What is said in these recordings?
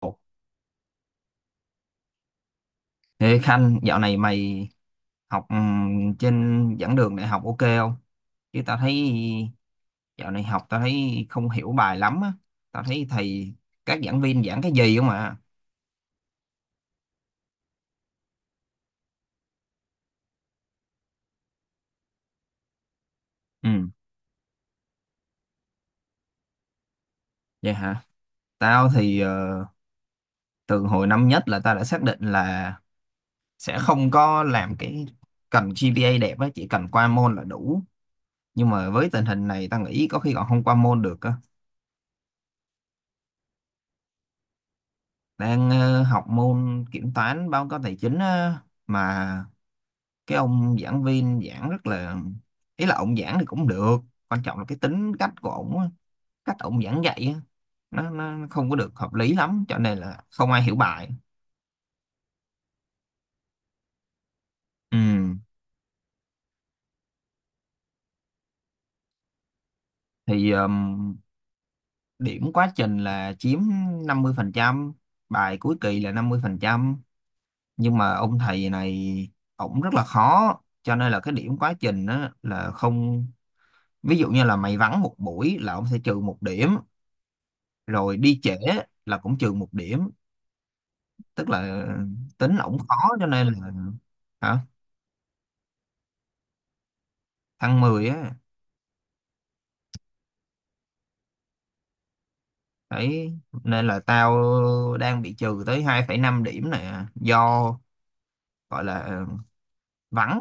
Ồ, ê Khanh, dạo này mày học trên giảng đường đại học ok không? Chứ tao thấy dạo này học tao thấy không hiểu bài lắm á. Tao thấy thầy các giảng viên giảng cái gì không à? Ừ, vậy hả? Tao thì từ hồi năm nhất là tao đã xác định là sẽ không có làm cái cần GPA đẹp á, chỉ cần qua môn là đủ. Nhưng mà với tình hình này tao nghĩ có khi còn không qua môn được á. Đang học môn kiểm toán báo cáo tài chính á, mà cái ông giảng viên giảng rất là ý là ông giảng thì cũng được, quan trọng là cái tính cách của ông á, cách ông giảng dạy á, nó không có được hợp lý lắm cho nên là không ai hiểu bài. Ừ. Thì điểm quá trình là chiếm 50%, bài cuối kỳ là 50%, nhưng mà ông thầy này ổng rất là khó cho nên là cái điểm quá trình á, là không, ví dụ như là mày vắng một buổi là ông sẽ trừ một điểm, rồi đi trễ là cũng trừ một điểm, tức là tính ổng khó cho nên là hả thăng 10 á. Đấy nên là tao đang bị trừ tới 2,5 điểm nè do gọi là vắng.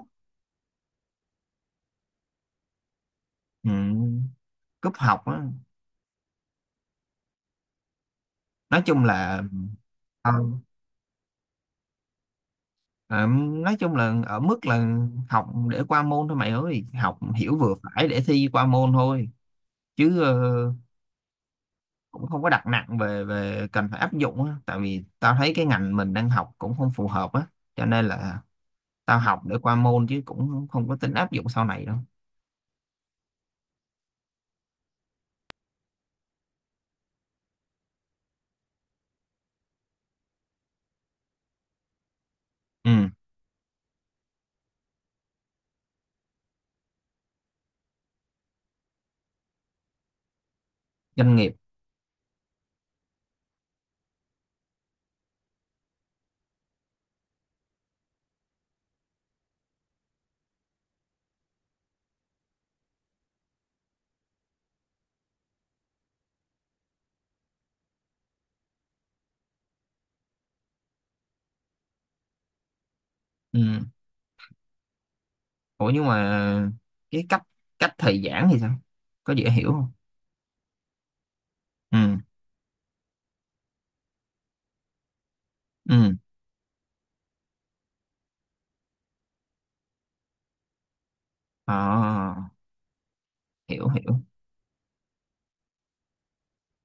Ừ, cúp học á, nói chung là ờ, ờ, nói chung là ở mức là học để qua môn thôi mày ơi, học hiểu vừa phải để thi qua môn thôi chứ cũng không có đặt nặng về về cần phải áp dụng á, tại vì tao thấy cái ngành mình đang học cũng không phù hợp á cho nên là tao học để qua môn chứ cũng không có tính áp dụng sau này đâu. Ừ. Doanh nghiệp. Ừ. Ủa nhưng mà cái cách, cách thầy giảng thì sao, có dễ hiểu không? Ừ. Ừ. À, hiểu hiểu.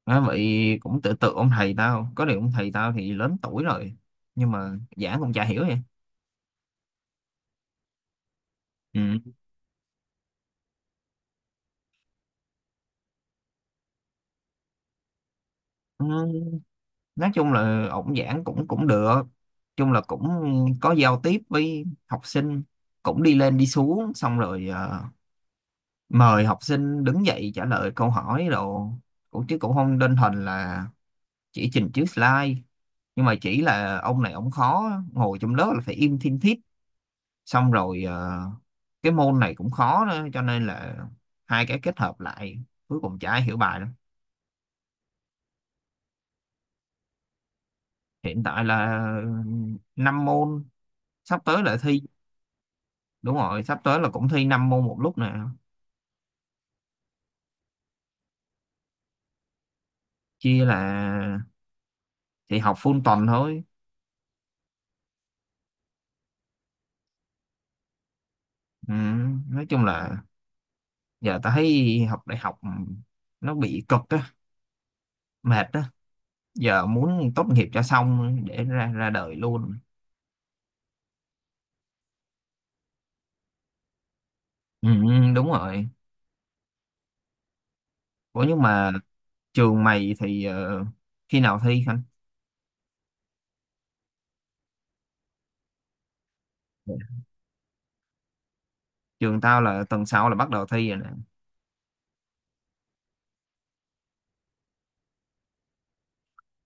À, vậy cũng tự tự ông thầy tao, có điều ông thầy tao thì lớn tuổi rồi nhưng mà giảng cũng chả hiểu vậy. Ừ. Ừ. Nói chung là ổng giảng cũng cũng được, chung là cũng có giao tiếp với học sinh, cũng đi lên đi xuống xong rồi mời học sinh đứng dậy trả lời câu hỏi đồ, cũng chứ cũng không đơn thuần là chỉ trình chiếu slide, nhưng mà chỉ là ông này ông khó, ngồi trong lớp là phải im thiên thít, xong rồi cái môn này cũng khó nữa cho nên là hai cái kết hợp lại cuối cùng chả ai hiểu bài đâu. Hiện tại là năm môn, sắp tới là thi. Đúng rồi, sắp tới là cũng thi năm môn một lúc nè. Chia là thì học full tuần thôi. Ừ, nói chung là giờ tao thấy học đại học nó bị cực á, mệt á, giờ muốn tốt nghiệp cho xong để ra ra đời luôn. Ừ, đúng rồi. Ủa nhưng mà trường mày thì khi nào thi anh? Trường tao là tuần sau là bắt đầu thi rồi nè.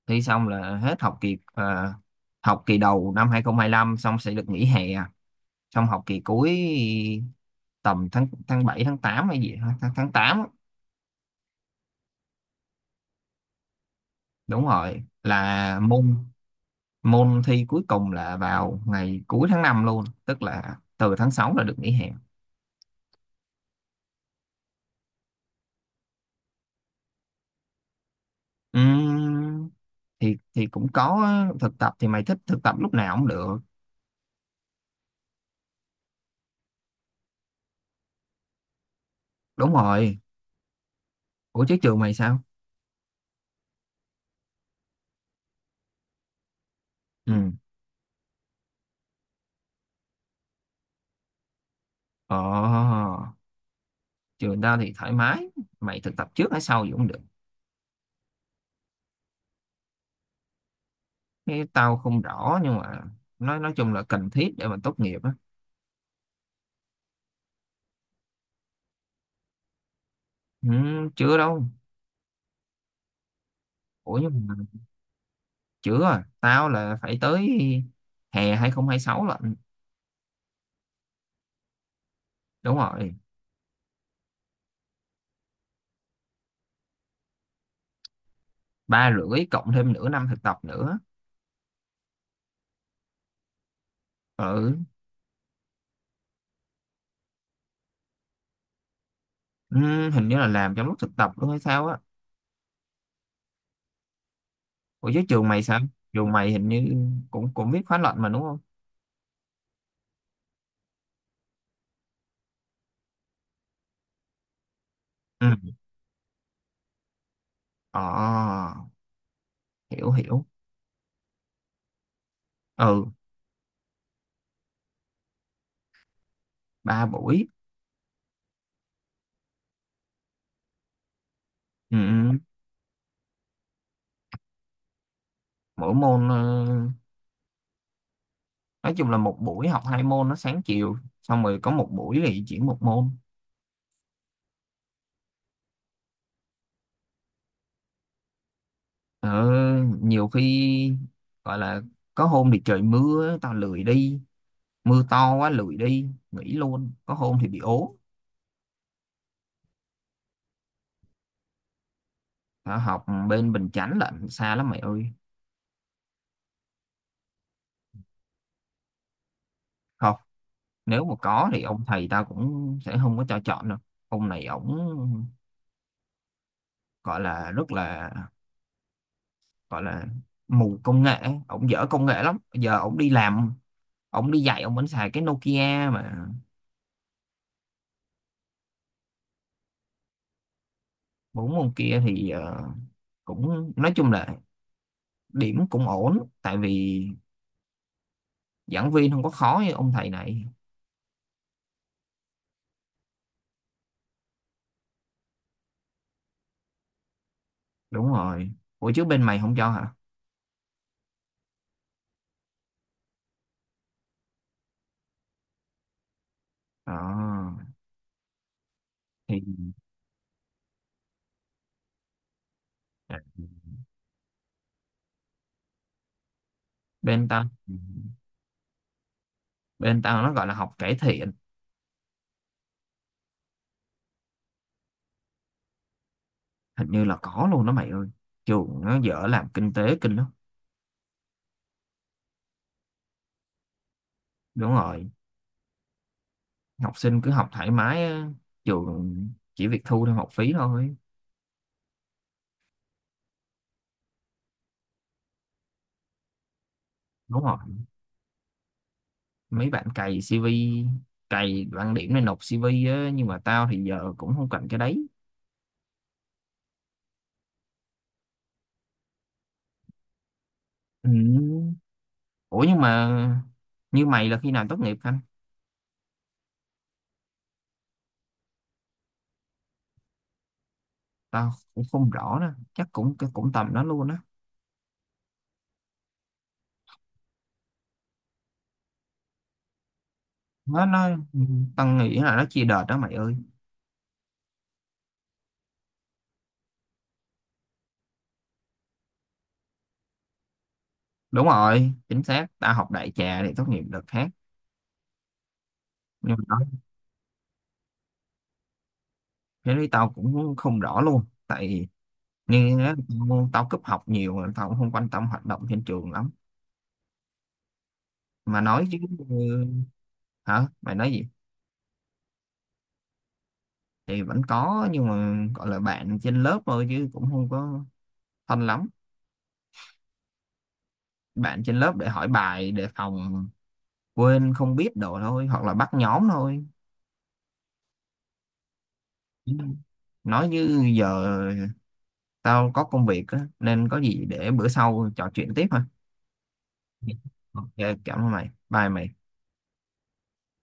Thi xong là hết học kỳ học kỳ đầu năm 2025, xong sẽ được nghỉ hè, xong học kỳ cuối tầm tháng tháng 7 tháng 8 hay gì hả? Tháng tháng 8 á. Đúng rồi, là môn môn thi cuối cùng là vào ngày cuối tháng 5 luôn, tức là từ tháng 6 là được nghỉ hè. Ừm, thì cũng có, thực tập thì mày thích thực tập lúc nào cũng được. Đúng rồi, ủa chứ trường mày sao? Ừ. Ờ. Trường tao thì thoải mái, mày thực tập trước hay sau gì cũng được. Cái tao không rõ nhưng mà nói chung là cần thiết để mà tốt nghiệp á. Chưa đâu, ủa nhưng mà chưa à. Tao là phải tới hè 2026 lận. Đúng rồi, ba rưỡi cộng thêm nửa năm thực tập nữa. Ừ. Ừ, hình như là làm trong lúc thực tập luôn hay sao á, ủa chứ trường mày sao, trường mày hình như cũng cũng viết khóa luận mà đúng không? Ừ. Ờ. Hiểu hiểu. Ừ. Ba buổi. Ừ. Ừ. Mỗi môn nói chung là một buổi học hai môn nó sáng chiều, xong rồi có một buổi thì chỉ một môn. Ừ. Nhiều khi gọi là có hôm thì trời mưa tao lười đi, mưa to quá lười đi nghỉ luôn, có hôm thì bị ốm. Hả, học bên Bình Chánh lận, xa lắm mày ơi. Không, nếu mà có thì ông thầy tao cũng sẽ không có cho chọn đâu. Ông này ổng gọi là rất là gọi là mù công nghệ, ổng dở công nghệ lắm, giờ ổng đi làm, ổng đi dạy ổng vẫn xài cái Nokia mà. Bốn ông kia thì cũng nói chung là điểm cũng ổn tại vì giảng viên không có khó như ông thầy này. Đúng rồi, ủa chứ bên mày không cho hả? Ờ, thì à, bên tao, bên tao nó gọi là học cải thiện. Hình như là có luôn đó mày ơi, trường nó dở làm kinh tế kinh lắm. Đúng rồi, học sinh cứ học thoải mái á, trường chỉ việc thu thêm học phí thôi. Đúng rồi, mấy bạn cày CV, cày bảng điểm này nộp CV á, nhưng mà tao thì giờ cũng không cần cái đấy. Ừ. Ủa nhưng mà như mày là khi nào tốt nghiệp anh? Tao cũng không rõ nữa, chắc cũng cũng tầm đó luôn á. Nó ừ, tao nghĩ là nó chia đợt đó mày ơi. Đúng rồi, chính xác, tao học đại trà để tốt nghiệp đợt khác. Nhưng mà đó cái lý tao cũng không rõ luôn, tại như á, tao cúp học nhiều mà tao cũng không quan tâm hoạt động trên trường lắm, mà nói chứ. Ừ, hả mày nói gì? Thì vẫn có nhưng mà gọi là bạn trên lớp thôi chứ cũng không có thân lắm, bạn trên lớp để hỏi bài để phòng quên không biết đồ thôi, hoặc là bắt nhóm thôi. Nói như giờ tao có công việc á, nên có gì để bữa sau trò chuyện tiếp ha. Ok cảm ơn mày, bye mày.